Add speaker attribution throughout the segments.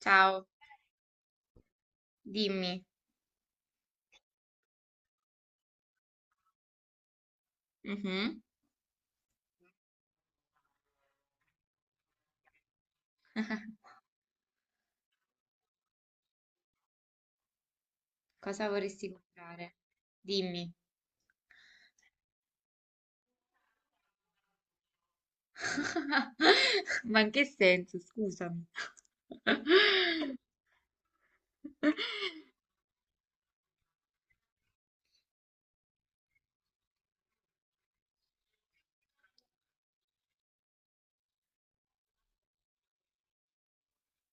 Speaker 1: Ciao, dimmi. Mhm. Cosa vorresti comprare? Dimmi. Ma in che senso? Scusami.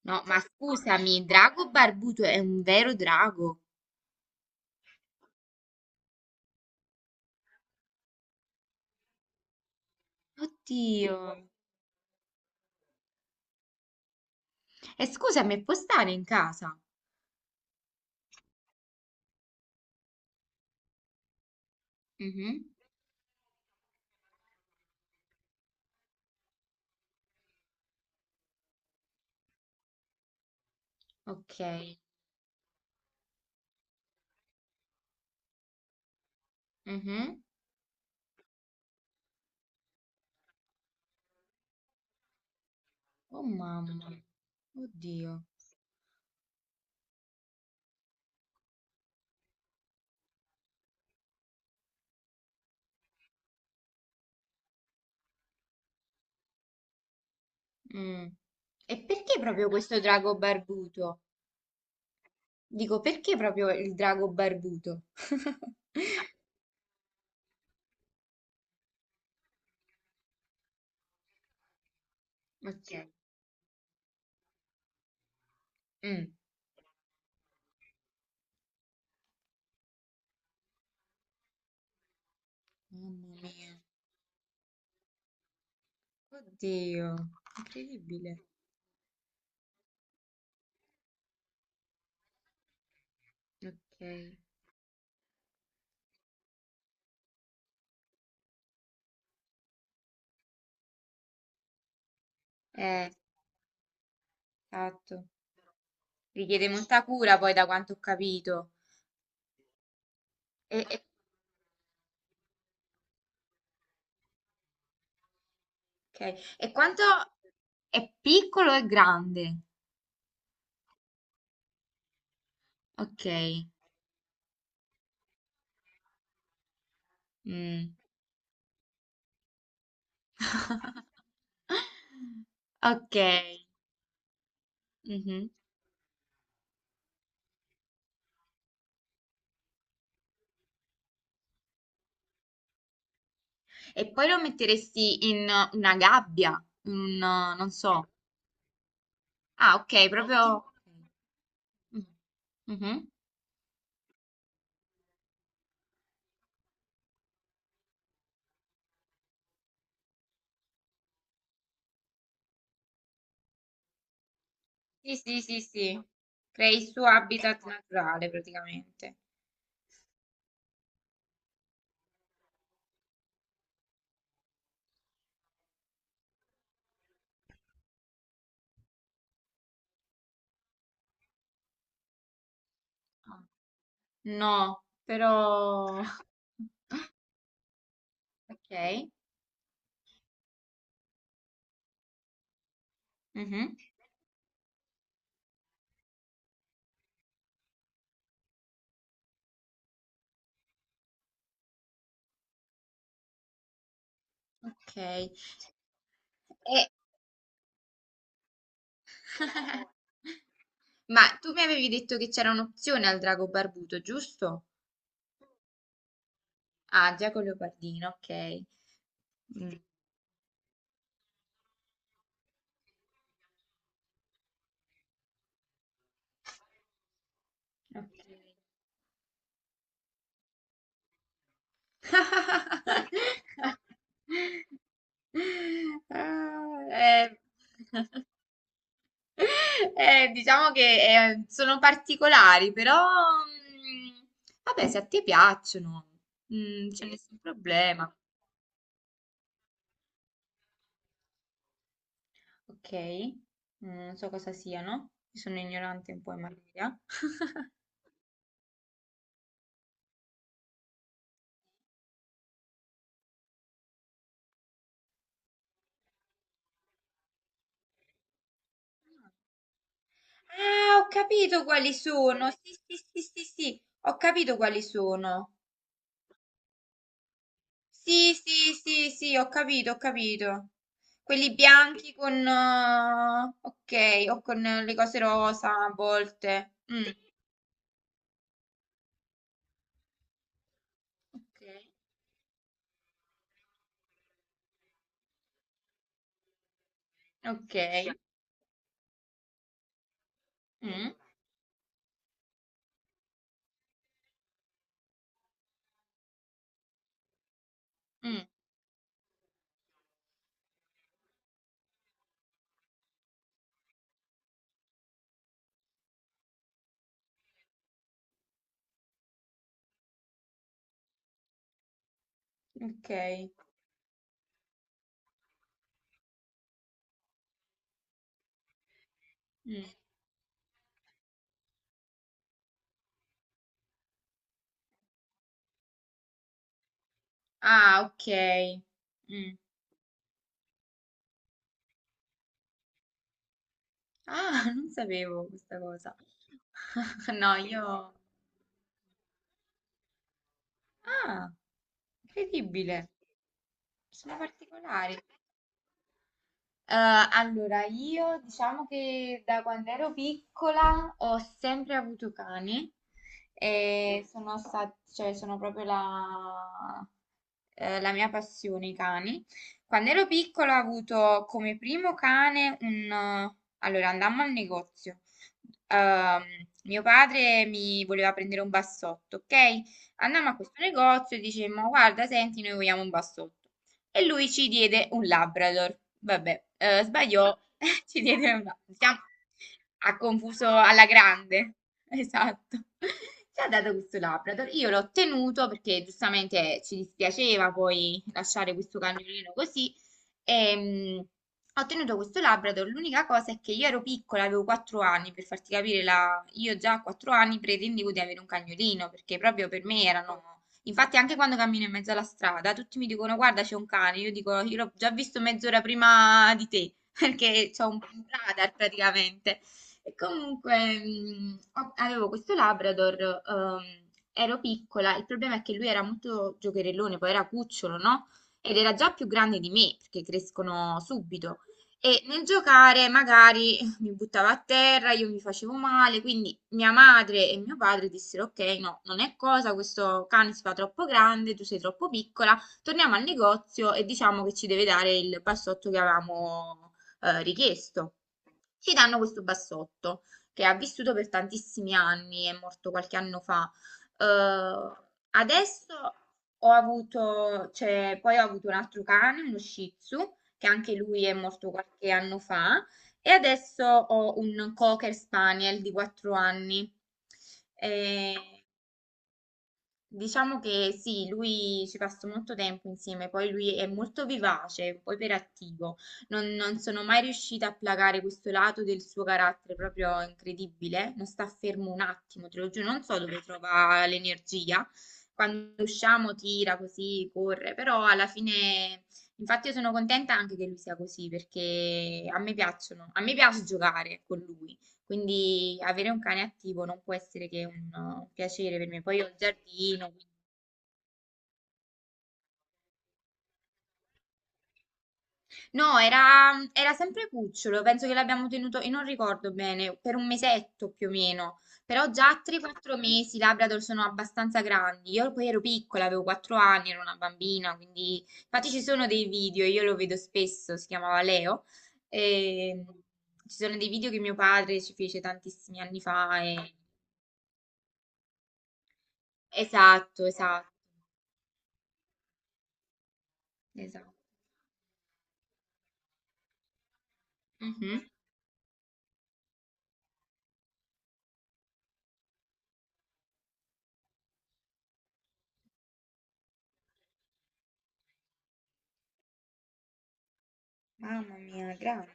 Speaker 1: No, ma scusami, Drago Barbuto è un vero drago. Oddio. E scusami, può stare in casa? Mhm. Ok. Mhm. Oh mamma. Oddio. Mm. E perché proprio questo drago barbuto? Dico, perché proprio il drago barbuto? Ok. Mm. Mamma mia. Oddio, incredibile. Ok, eh, esatto. Richiede molta cura poi da quanto ho capito. E, e- ok. E quanto è piccolo e grande? Ok. Mm. Ok. Mhm. E poi lo metteresti in una gabbia, in un, non so. Ah, ok, proprio. Mm. Mhm. Sì, sì, sì, sì. Crei il suo habitat naturale praticamente. No, però. Ok. Mhm. Ok. Ma tu mi avevi detto che c'era un'opzione al drago barbuto, giusto? Ah, già con leopardino, ok. Mm, ok. Ah, diciamo che sono particolari, però mm, vabbè, se a te piacciono, c'è, Sì, nessun problema. Ok, non so cosa siano, sono ignorante un po' in materia. Ah, ho capito quali sono. Sì, sì, sì, sì, sì, ho capito quali sono. Sì, sì, sì, sì, ho capito, ho capito. Quelli bianchi con, ok, o con le cose rosa a volte. Mm. Ok. Okay. Mh. Mh. Okay. Mh. Ah, okay. Mh. Ah, non sapevo questa cosa. No, io, ah, incredibile. Sono particolari. Eh, allora, io diciamo che da quando ero piccola ho sempre avuto cani e sono stati, cioè, sono proprio la mia passione, i cani. Quando ero piccola ho avuto come primo cane Allora, andammo al negozio. Ehm, mio padre mi voleva prendere un bassotto, ok? Andammo a questo negozio e dicemmo, guarda, senti, noi vogliamo un bassotto. E lui ci diede un Labrador. Vabbè, sbagliò, ci diede un, diciamo, ha confuso alla grande. Esatto. Ci ha dato questo Labrador. Io l'ho tenuto perché giustamente ci dispiaceva poi lasciare questo cagnolino così. E, ho tenuto questo Labrador, l'unica cosa è che io ero piccola, avevo 4 anni, per farti capire, io già a 4 anni pretendevo di avere un cagnolino, perché proprio per me erano. Infatti, anche quando cammino in mezzo alla strada, tutti mi dicono: Guarda, c'è un cane. Io dico: Io l'ho già visto mezz'ora prima di te, perché c'ho un radar praticamente. E comunque, avevo questo Labrador, ero piccola. Il problema è che lui era molto giocherellone, poi era cucciolo, no? Ed era già più grande di me, perché crescono subito. E nel giocare magari mi buttava a terra, io mi facevo male, quindi mia madre e mio padre dissero: Ok, no, non è cosa, questo cane si fa troppo grande, tu sei troppo piccola, torniamo al negozio e diciamo che ci deve dare il bassotto che avevamo richiesto. Ci danno questo bassotto che ha vissuto per tantissimi anni, è morto qualche anno fa. Adesso ho avuto, cioè, poi ho avuto un altro cane, uno Shih Tzu, che anche lui è morto qualche anno fa, e adesso ho un cocker spaniel di 4 anni. E diciamo che sì, lui ci passa molto tempo insieme, poi lui è molto vivace, poi iperattivo. Non sono mai riuscita a placare questo lato del suo carattere proprio incredibile. Non sta fermo un attimo, te lo giuro, non so dove trova l'energia. Quando usciamo tira così, corre, però alla fine, infatti io sono contenta anche che lui sia così, perché a me piacciono, a me piace giocare con lui. Quindi avere un cane attivo non può essere che un piacere per me. Poi ho il giardino, no, era sempre cucciolo, penso che l'abbiamo tenuto, e non ricordo bene, per un mesetto più o meno. Però già a 3-4 mesi i Labrador sono abbastanza grandi. Io poi ero piccola, avevo 4 anni, ero una bambina, quindi. Infatti ci sono dei video, io lo vedo spesso, si chiamava Leo. E... Ci sono dei video che mio padre ci fece tantissimi anni fa, Esatto, esatto, esatto. Mhm. Mamma mia, grande.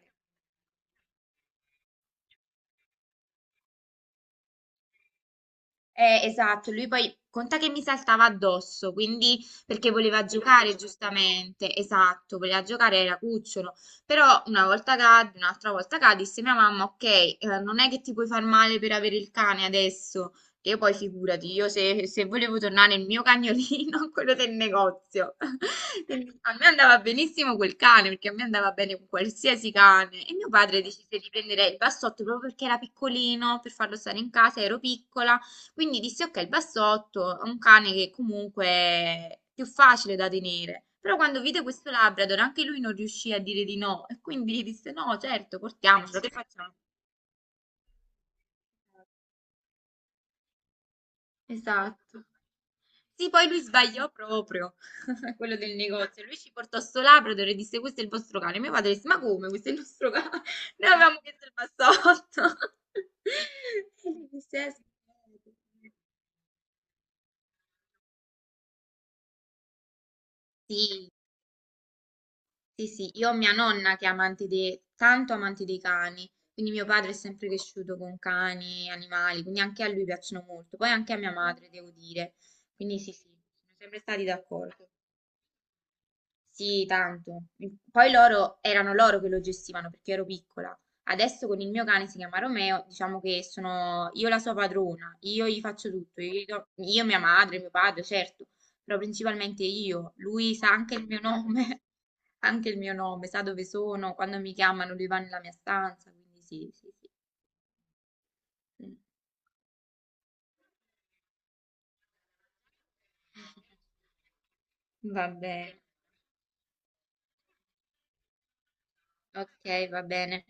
Speaker 1: Esatto, lui poi conta che mi saltava addosso, quindi perché voleva giocare giustamente, esatto, voleva giocare era cucciolo, però una volta cadde, un'altra volta cadde, disse mia mamma, ok, non è che ti puoi far male per avere il cane adesso, che io poi figurati, io se volevo tornare il mio cagnolino, quello del negozio, a me andava benissimo quel cane, perché a me andava bene qualsiasi cane, e mio padre decise di prendere il bassotto proprio perché era piccolino, per farlo stare in casa, ero piccola. Quindi dissi, ok, il bassotto è un cane che comunque è più facile da tenere. Però quando vide questo Labrador, anche lui non riuscì a dire di no. E quindi disse, no, certo, portiamocelo, che facciamo? Esatto. Sì, poi lui sbagliò proprio, quello del negozio. Lui ci portò sto Labrador e disse, questo è il vostro cane. Mio padre disse, ma come, questo è il nostro cane? Noi avevamo chiesto il bassotto. E lui disse, sì. Sì, sì, io ho mia nonna che è amante dei, tanto amante dei cani, quindi mio padre è sempre cresciuto con cani, animali, quindi anche a lui piacciono molto, poi anche a mia madre, devo dire, quindi sì, sì, sono sempre stati d'accordo. Sì, tanto. Poi loro erano loro che lo gestivano perché ero piccola. Adesso con il mio cane, si chiama Romeo, diciamo che sono io la sua padrona, io gli faccio tutto, io, mia madre, mio padre, certo, però principalmente io. Lui sa anche il mio nome, anche il mio nome, sa dove sono, quando mi chiamano lui va nella mia stanza, quindi sì, sì, sì. Mm. Va bene, ok, va bene.